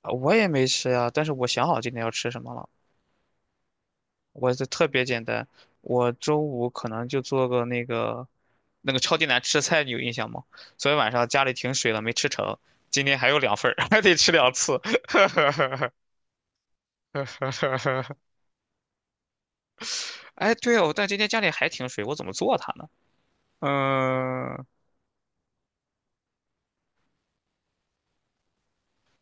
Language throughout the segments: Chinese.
啊，我也没吃呀，但是我想好今天要吃什么了。我这特别简单，我周五可能就做个那个超级难吃的菜，你有印象吗？昨天晚上家里停水了，没吃成，今天还有2份儿，还得吃2次。哎，对哦，但今天家里还停水，我怎么做它呢？嗯，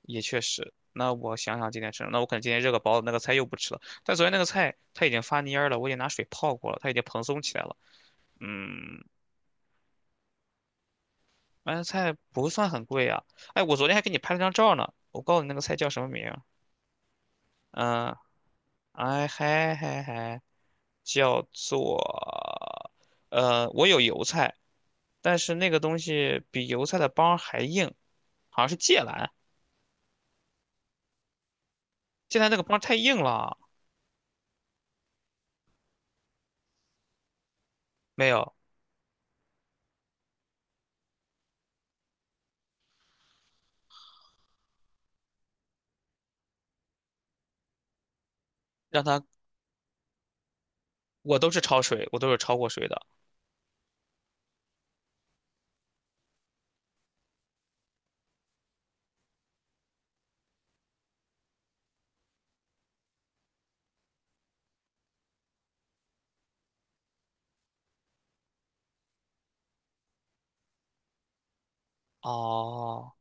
也确实。那我想想今天吃什么，那我可能今天热个包子，那个菜又不吃了。但昨天那个菜它已经发蔫儿了，我已经拿水泡过了，它已经蓬松起来了。嗯，买的菜不算很贵啊。哎，我昨天还给你拍了张照呢，我告诉你那个菜叫什么名儿，嗯，哎嗨嗨嗨，叫做我有油菜，但是那个东西比油菜的帮还硬，好像是芥兰。芥兰那个帮太硬了，没有，让它，我都是焯水，我都是焯过水的。哦，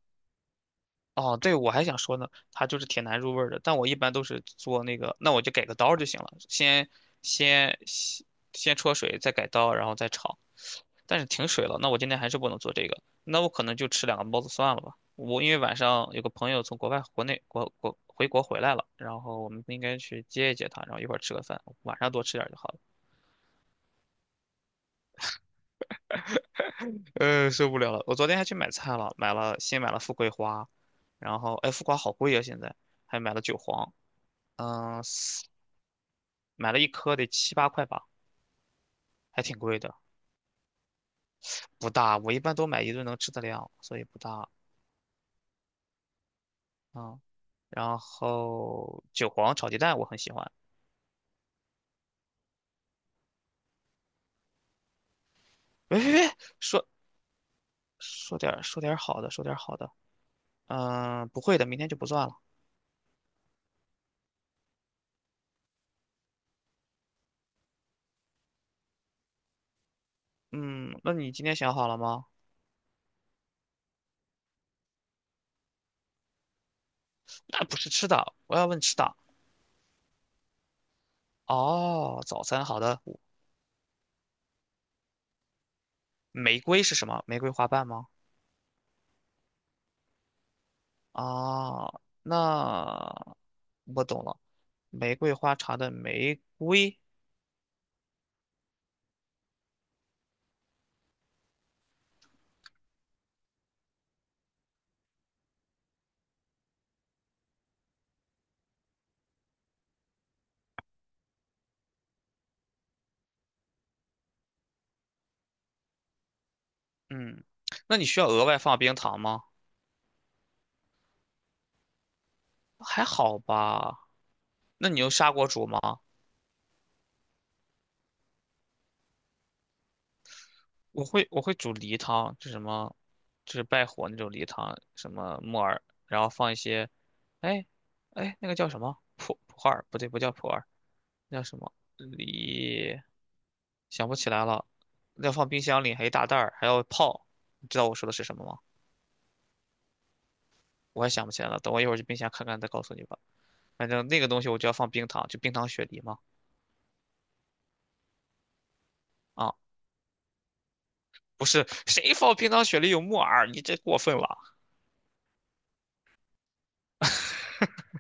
哦，对，我还想说呢，它就是挺难入味儿的，但我一般都是做那个，那我就改个刀儿就行了，先先先焯水，再改刀，然后再炒。但是停水了，那我今天还是不能做这个，那我可能就吃2个包子算了吧。我因为晚上有个朋友从国外、国内、回国回来了，然后我们应该去接一接他，然后一块儿吃个饭，晚上多吃点儿就好了。受不了了，我昨天还去买菜了，新买了富贵花，然后哎，富贵花好贵啊，现在还买了韭黄，嗯、买了1颗得7、8块吧，还挺贵的，不大。我一般都买一顿能吃的量，所以不大。嗯，然后韭黄炒鸡蛋我很喜欢。喂喂喂，说说点儿说点儿好的，说点儿好的。嗯，不会的，明天就不算了。嗯，那你今天想好了吗？那不是吃的，我要问吃的。哦，早餐好的。玫瑰是什么？玫瑰花瓣吗？哦，那我懂了，玫瑰花茶的玫瑰。嗯，那你需要额外放冰糖吗？还好吧。那你用砂锅煮吗？我会煮梨汤，就什么，就是败火那种梨汤，什么木耳，然后放一些，哎，哎，那个叫什么普洱？不对，不叫普洱，那叫什么梨？想不起来了。要放冰箱里，还一大袋儿，还要泡。你知道我说的是什么吗？我也想不起来了，等我一会儿去冰箱看看，再告诉你吧。反正那个东西我就要放冰糖，就冰糖雪梨嘛。啊。不是，谁放冰糖雪梨有木耳？你这过分了，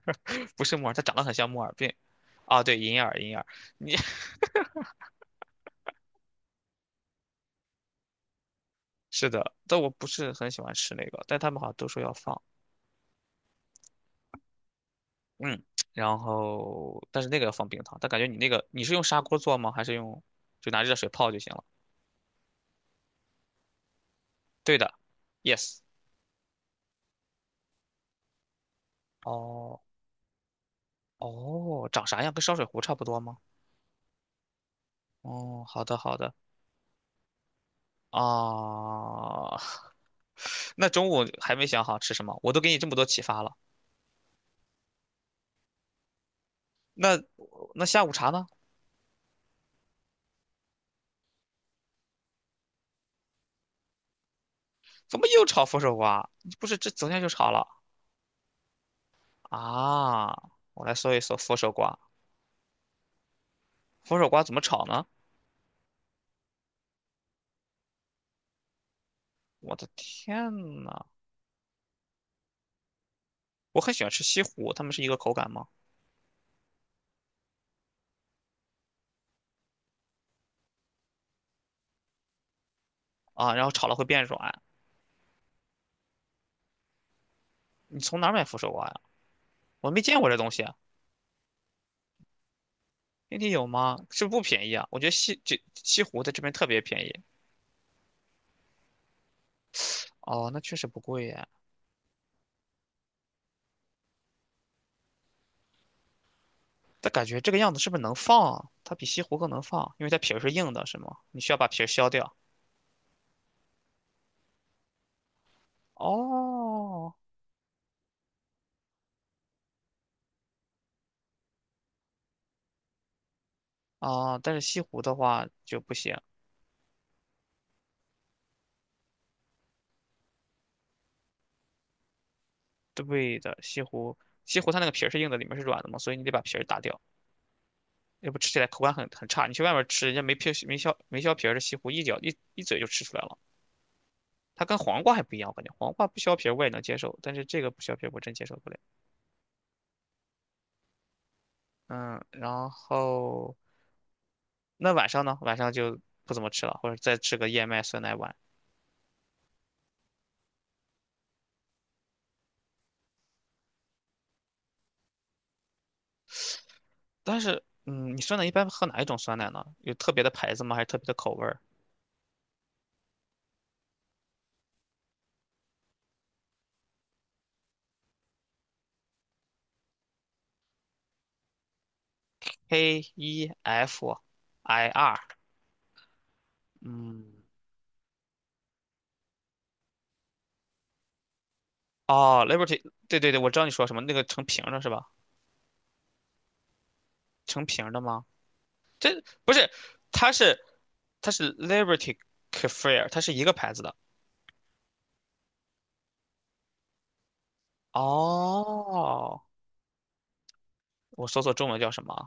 不是木耳，它长得很像木耳病。啊，对，银耳，银耳，你， 是的，但我不是很喜欢吃那个，但他们好像都说要放，嗯，然后但是那个要放冰糖，但感觉你那个你是用砂锅做吗？还是用就拿热水泡就行了？对的，yes。哦哦，长啥样？跟烧水壶差不多吗？哦，好的好的啊，那中午还没想好吃什么，我都给你这么多启发了，那那下午茶呢？怎么又炒佛手瓜？不是，这昨天就炒了啊！我来搜一搜佛手瓜，佛手瓜怎么炒呢？我的天呐，我很喜欢吃西葫，它们是一个口感吗？啊，然后炒了会变软。你从哪儿买佛手瓜呀？我没见过这东西啊，内地有吗？是不是不便宜啊？我觉得西湖在这边特别便宜。哦，那确实不贵耶。但感觉这个样子是不是能放啊？它比西湖更能放，因为它皮儿是硬的，是吗？你需要把皮儿削掉。哦，啊，但是西湖的话就不行。对的，西湖它那个皮儿是硬的，里面是软的嘛，所以你得把皮儿打掉，要不吃起来口感很差。你去外面吃，人家没皮没削没削皮儿的西湖，一咬一嘴就吃出来了。它跟黄瓜还不一样，我感觉黄瓜不削皮儿我也能接受，但是这个不削皮儿我真接受不了。嗯，然后那晚上呢？晚上就不怎么吃了，或者再吃个燕麦酸奶碗。但是，你酸奶一般喝哪一种酸奶呢？有特别的牌子吗？还是特别的口味儿？Kefir，嗯。哦，Liberty，对对对，我知道你说什么，那个成瓶儿的是吧？成瓶儿的吗？这不是，它是它是 Liberty Kefir，它是一个牌子的。哦，我搜索中文叫什么啊，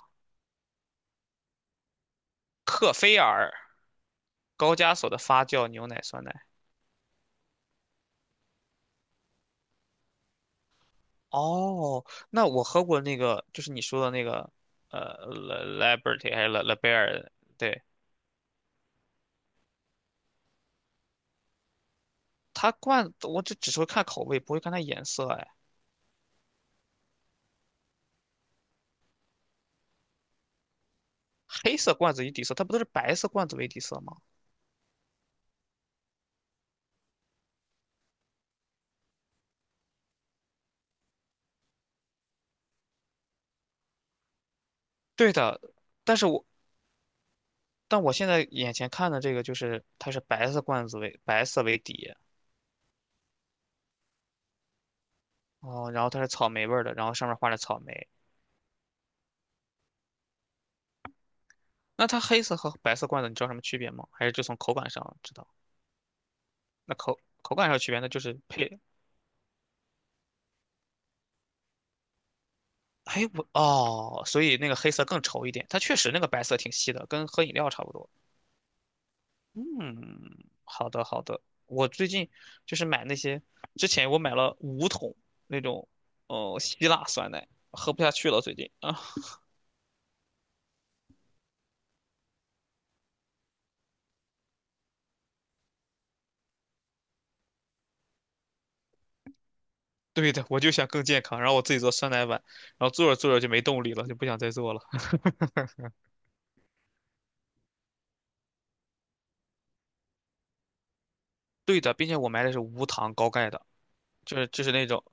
克菲尔，高加索的发酵牛奶酸奶。哦，那我喝过那个，就是你说的那个，l l i b e r t y 还是 Le Le b e r。 对，它罐子我只是会看口味，不会看它颜色。哎，黑色罐子与底色，它不都是白色罐子为底色吗？对的，但是我但我现在眼前看的这个就是它是白色罐子为白色为底，哦，然后它是草莓味儿的，然后上面画着草莓。那它黑色和白色罐子你知道什么区别吗？还是就从口感上知道？那口感上有区别，那就是配。哎，我哦，所以那个黑色更稠一点，它确实那个白色挺稀的，跟喝饮料差不多。嗯，好的好的，我最近就是买那些，之前我买了5桶那种，哦，希腊酸奶，喝不下去了最近啊。对的，我就想更健康，然后我自己做酸奶碗，然后做着做着就没动力了，就不想再做了。对的，并且我买的是无糖高钙的，就是那种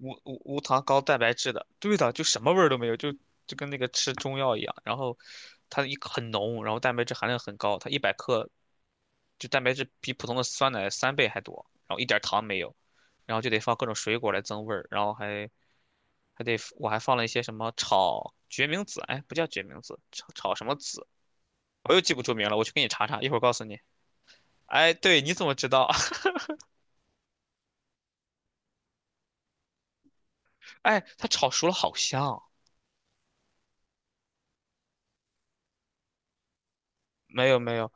无糖高蛋白质的。对的，就什么味儿都没有，就跟那个吃中药一样。然后它一很浓，然后蛋白质含量很高，它100克就蛋白质比普通的酸奶3倍还多，然后一点儿糖没有，然后就得放各种水果来增味儿，然后还得我还放了一些什么炒决明子，哎，不叫决明子，炒什么子？我又记不住名了，我去给你查查，一会儿告诉你。哎，对，你怎么知道？哎，它炒熟了好香。没有没有，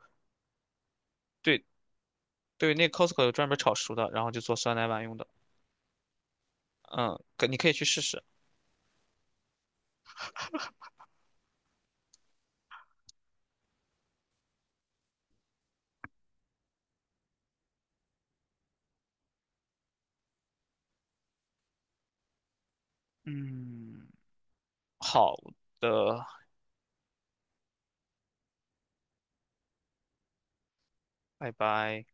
对对，那 Costco 有专门炒熟的，然后就做酸奶碗用的。嗯，可你可以去试试。嗯，好的，拜拜。